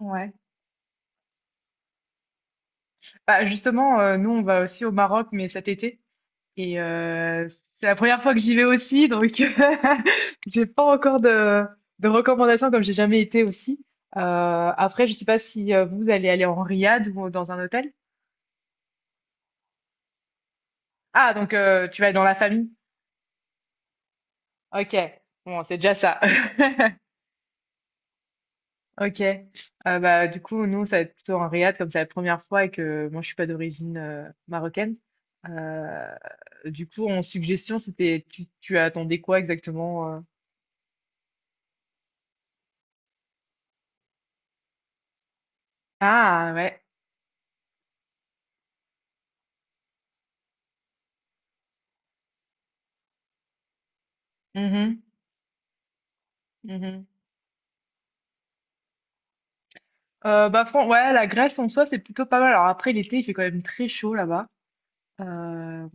Ouais. Bah, justement, nous, on va aussi au Maroc, mais cet été et c'est la première fois que j'y vais aussi, donc j'ai pas encore de recommandations comme j'ai jamais été aussi. Après, je sais pas si, vous allez aller en riad ou dans un hôtel? Ah, donc, tu vas être dans la famille? OK, bon, c'est déjà ça. OK. Bah, du coup, nous, ça va être plutôt en Riyad, comme c'est la première fois et que moi, je suis pas d'origine, marocaine. Euh, du coup, en suggestion, c'était, tu attendais quoi exactement? Ah, ouais. Mhm, mhm. Bah, ouais, la Grèce en soi, c'est plutôt pas mal. Alors après, l'été, il fait quand même très chaud là-bas. Euh,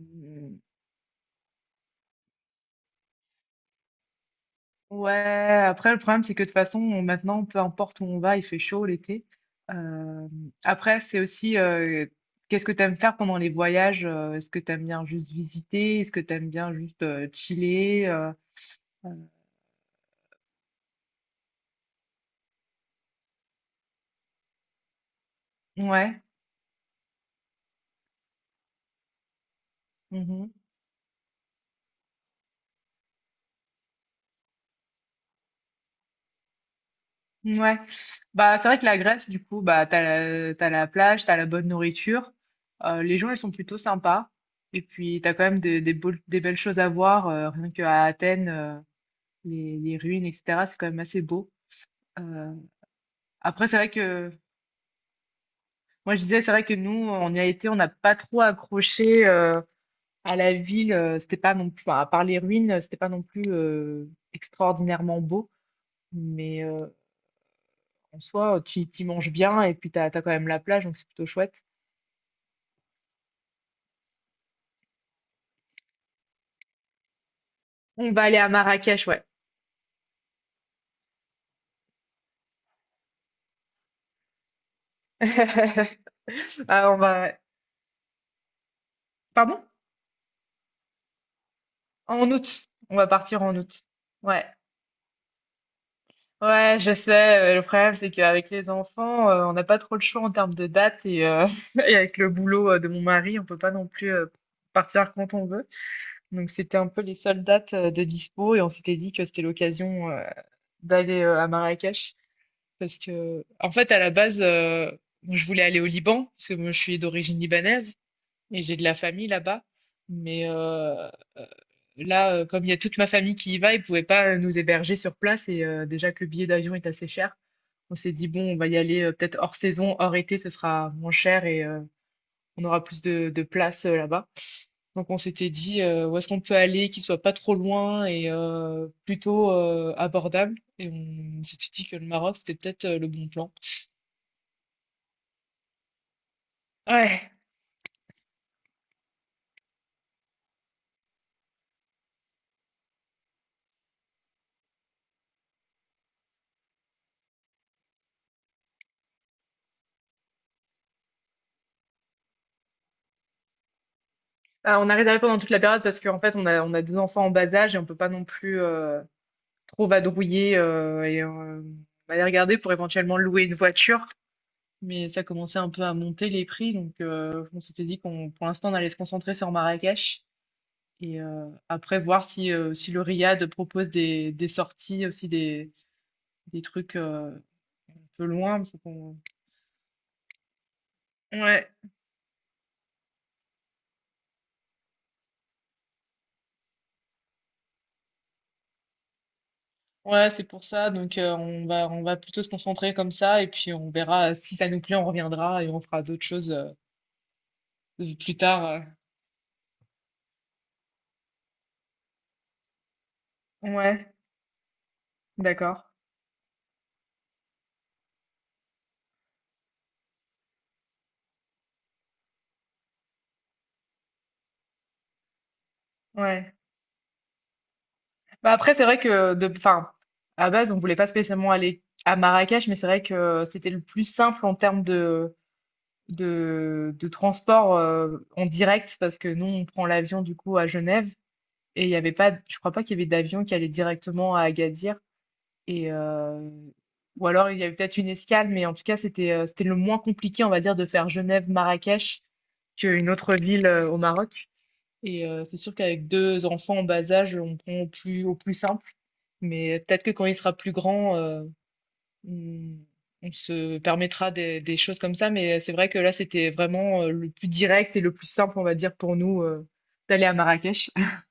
Ouais, après, le problème, c'est que de toute façon, maintenant, peu importe où on va, il fait chaud l'été. Euh, Après, c'est aussi, qu'est-ce que tu aimes faire pendant les voyages? Est-ce que tu aimes bien juste visiter? Est-ce que tu aimes bien juste, chiller? Euh, Ouais. Mhm, ouais. Bah, c'est vrai que la Grèce, du coup, bah, t'as la plage, t'as la bonne nourriture. Les gens, ils sont plutôt sympas. Et puis, t'as quand même des belles choses à voir. Rien qu'à Athènes, les ruines, etc., c'est quand même assez beau. Euh, Après, c'est vrai que moi je disais, c'est vrai que nous, on y a été, on n'a pas trop accroché, à la ville. C'était pas non plus, enfin, à part les ruines, c'était pas non plus, extraordinairement beau. Mais, en soi, manges bien et puis t'as quand même la plage, donc c'est plutôt chouette. On va aller à Marrakech, ouais. Ah, on va. Pardon? En août. On va partir en août. Ouais. Ouais, je sais. Le problème, c'est qu'avec les enfants, on n'a pas trop le choix en termes de date et avec le boulot, de mon mari, on peut pas non plus, partir quand on veut. Donc c'était un peu les seules dates, de dispo, et on s'était dit que c'était l'occasion, d'aller, à Marrakech, parce que en fait, à la base, moi, je voulais aller au Liban, parce que moi je suis d'origine libanaise et j'ai de la famille là-bas. Mais, euh, là, comme il y a toute ma famille qui y va, ils pouvaient pas, nous héberger sur place. Et, déjà que le billet d'avion est assez cher, on s'est dit bon, on va y aller, peut-être hors saison, hors été, ce sera moins cher. Et, on aura plus de place, là-bas. Donc on s'était dit, où est-ce qu'on peut aller, qui soit pas trop loin et, plutôt, abordable. Et on s'était dit que le Maroc, c'était peut-être, le bon plan. Ouais. Ah, on a réservé pendant toute la période, parce qu'en fait on a deux enfants en bas âge et on peut pas non plus, trop vadrouiller, et, on allait regarder pour éventuellement louer une voiture. Mais ça commençait un peu à monter les prix, donc, on s'était dit qu'on, pour l'instant, on allait se concentrer sur Marrakech et, après voir si, si le Riad propose des sorties, aussi des trucs, un peu loin. Ouais, ouais, c'est pour ça. Donc, on va plutôt se concentrer comme ça, et puis on verra si ça nous plaît, on reviendra et on fera d'autres choses, plus tard. Ouais, d'accord. Ouais. Bah après, c'est vrai que, enfin, à base, on voulait pas spécialement aller à Marrakech, mais c'est vrai que c'était le plus simple en termes de transport, en direct, parce que nous, on prend l'avion du coup à Genève, et il y avait pas, je crois pas qu'il y avait d'avion qui allait directement à Agadir, et euh, ou alors il y avait peut-être une escale, mais en tout cas, c'était, c'était le moins compliqué, on va dire, de faire Genève-Marrakech qu'une autre ville, au Maroc. Et, c'est sûr qu'avec deux enfants en bas âge, on prend au plus simple. Mais peut-être que quand il sera plus grand, on, on se permettra des choses comme ça. Mais c'est vrai que là, c'était vraiment, le plus direct et le plus simple, on va dire, pour nous, d'aller à Marrakech.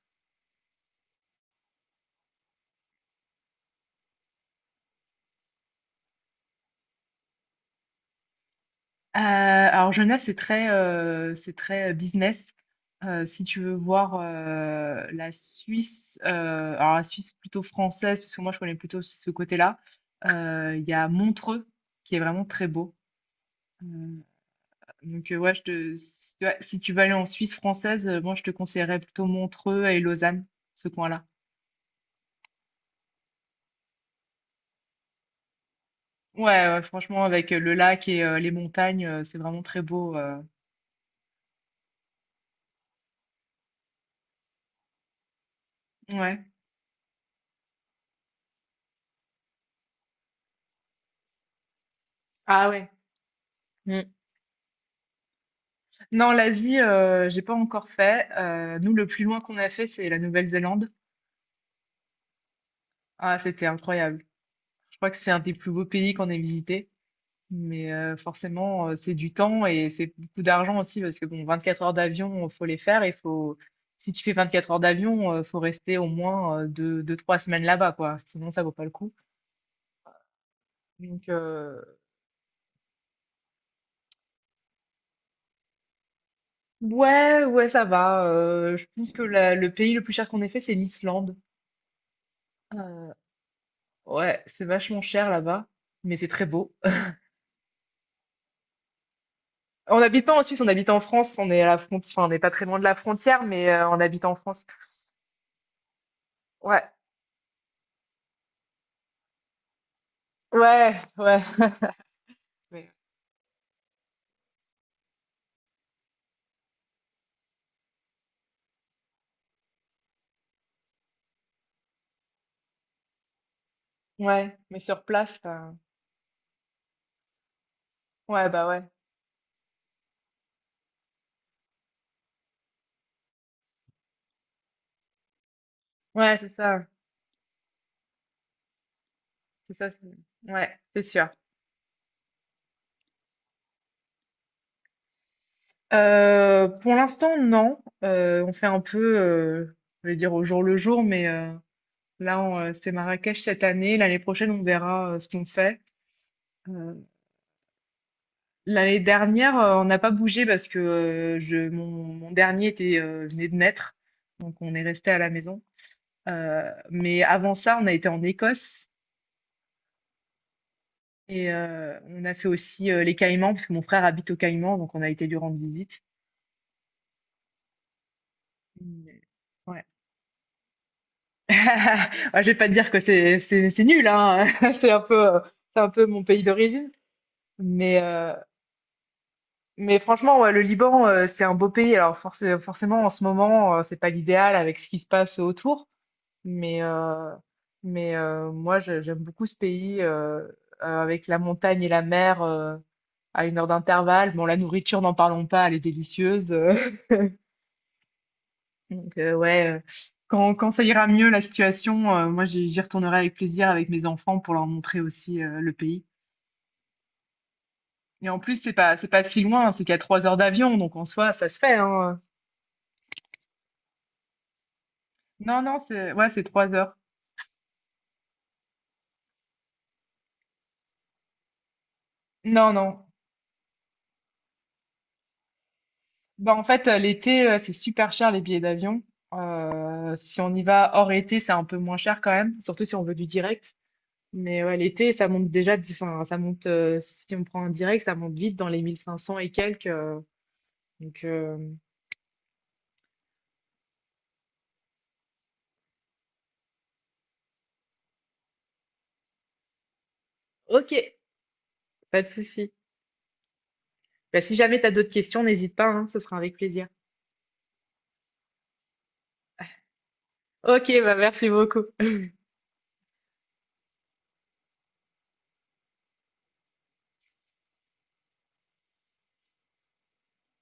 Alors Genève, c'est très business. Si tu veux voir, la Suisse, alors la Suisse plutôt française, parce que moi, je connais plutôt ce côté-là. Il y a Montreux, qui est vraiment très beau. Euh, donc, ouais, je te, si, ouais, si tu vas aller en Suisse française, moi je te conseillerais plutôt Montreux et Lausanne, ce coin-là. Ouais, ouais, franchement, avec, le lac et, les montagnes, c'est vraiment très beau. Ouais. Ah, ouais. Mm. Non, l'Asie, j'ai pas encore fait. Nous, le plus loin qu'on a fait, c'est la Nouvelle-Zélande. Ah, c'était incroyable. Je crois que c'est un des plus beaux pays qu'on ait visité. Mais, forcément, c'est du temps et c'est beaucoup d'argent aussi, parce que bon, 24 heures d'avion, faut les faire et faut, si tu fais 24 heures d'avion, faut rester au moins, 2-2-3 semaines là-bas, quoi. Sinon ça vaut pas le coup. Donc, ouais, ouais, ça va, je pense que la le pays le plus cher qu'on ait fait, c'est l'Islande. Heu, ouais, c'est vachement cher là-bas, mais c'est très beau. On n'habite pas en Suisse, on habite en France, on est à la fron enfin, on n'est pas très loin de la frontière, mais, on habite en France. Ouais, ouais, ouais. Mais, ouais, mais sur place, ouais, bah, ouais. Ouais, c'est ça. C'est ça, ouais, c'est sûr. Pour l'instant, non. On fait un peu, je vais dire au jour le jour, mais, là, c'est Marrakech cette année. L'année prochaine, on verra, ce qu'on fait. Euh, L'année dernière, on n'a pas bougé parce que, mon dernier était, venait de naître. Donc, on est resté à la maison. Mais avant ça, on a été en Écosse. Et, on a fait aussi, les Caïmans, parce que mon frère habite aux Caïmans, donc on a été lui rendre visite. Mais ouais. Ah, je vais pas te dire que c'est nul, hein, c'est un peu, heu, c'est un peu mon pays d'origine. Mais heu, mais franchement, ouais, le Liban, c'est un beau pays. Alors, force forcément, en ce moment, c'est pas l'idéal avec ce qui se passe autour, mais, moi, je j'aime beaucoup ce pays, avec la montagne et la mer, à une heure d'intervalle. Bon, la nourriture, n'en parlons pas, elle est délicieuse. Donc, ouais, quand ça ira mieux la situation, moi, j'y retournerai avec plaisir avec mes enfants pour leur montrer aussi, le pays. Et en plus, c'est pas si loin, c'est qu'à 3 heures d'avion, donc en soi ça se fait, hein. Non, non, c'est ouais, c'est 3 heures. Non, non. Bah en fait, l'été, c'est super cher les billets d'avion. Si on y va hors été, c'est un peu moins cher quand même, surtout si on veut du direct. Mais ouais, l'été ça monte déjà, enfin ça monte, si on prend un direct ça monte vite dans les 1 500 et quelques. Donc euh, ok. Pas de souci. Bah, si jamais tu as d'autres questions, n'hésite pas, hein, ce sera avec plaisir. Ok, bah merci beaucoup.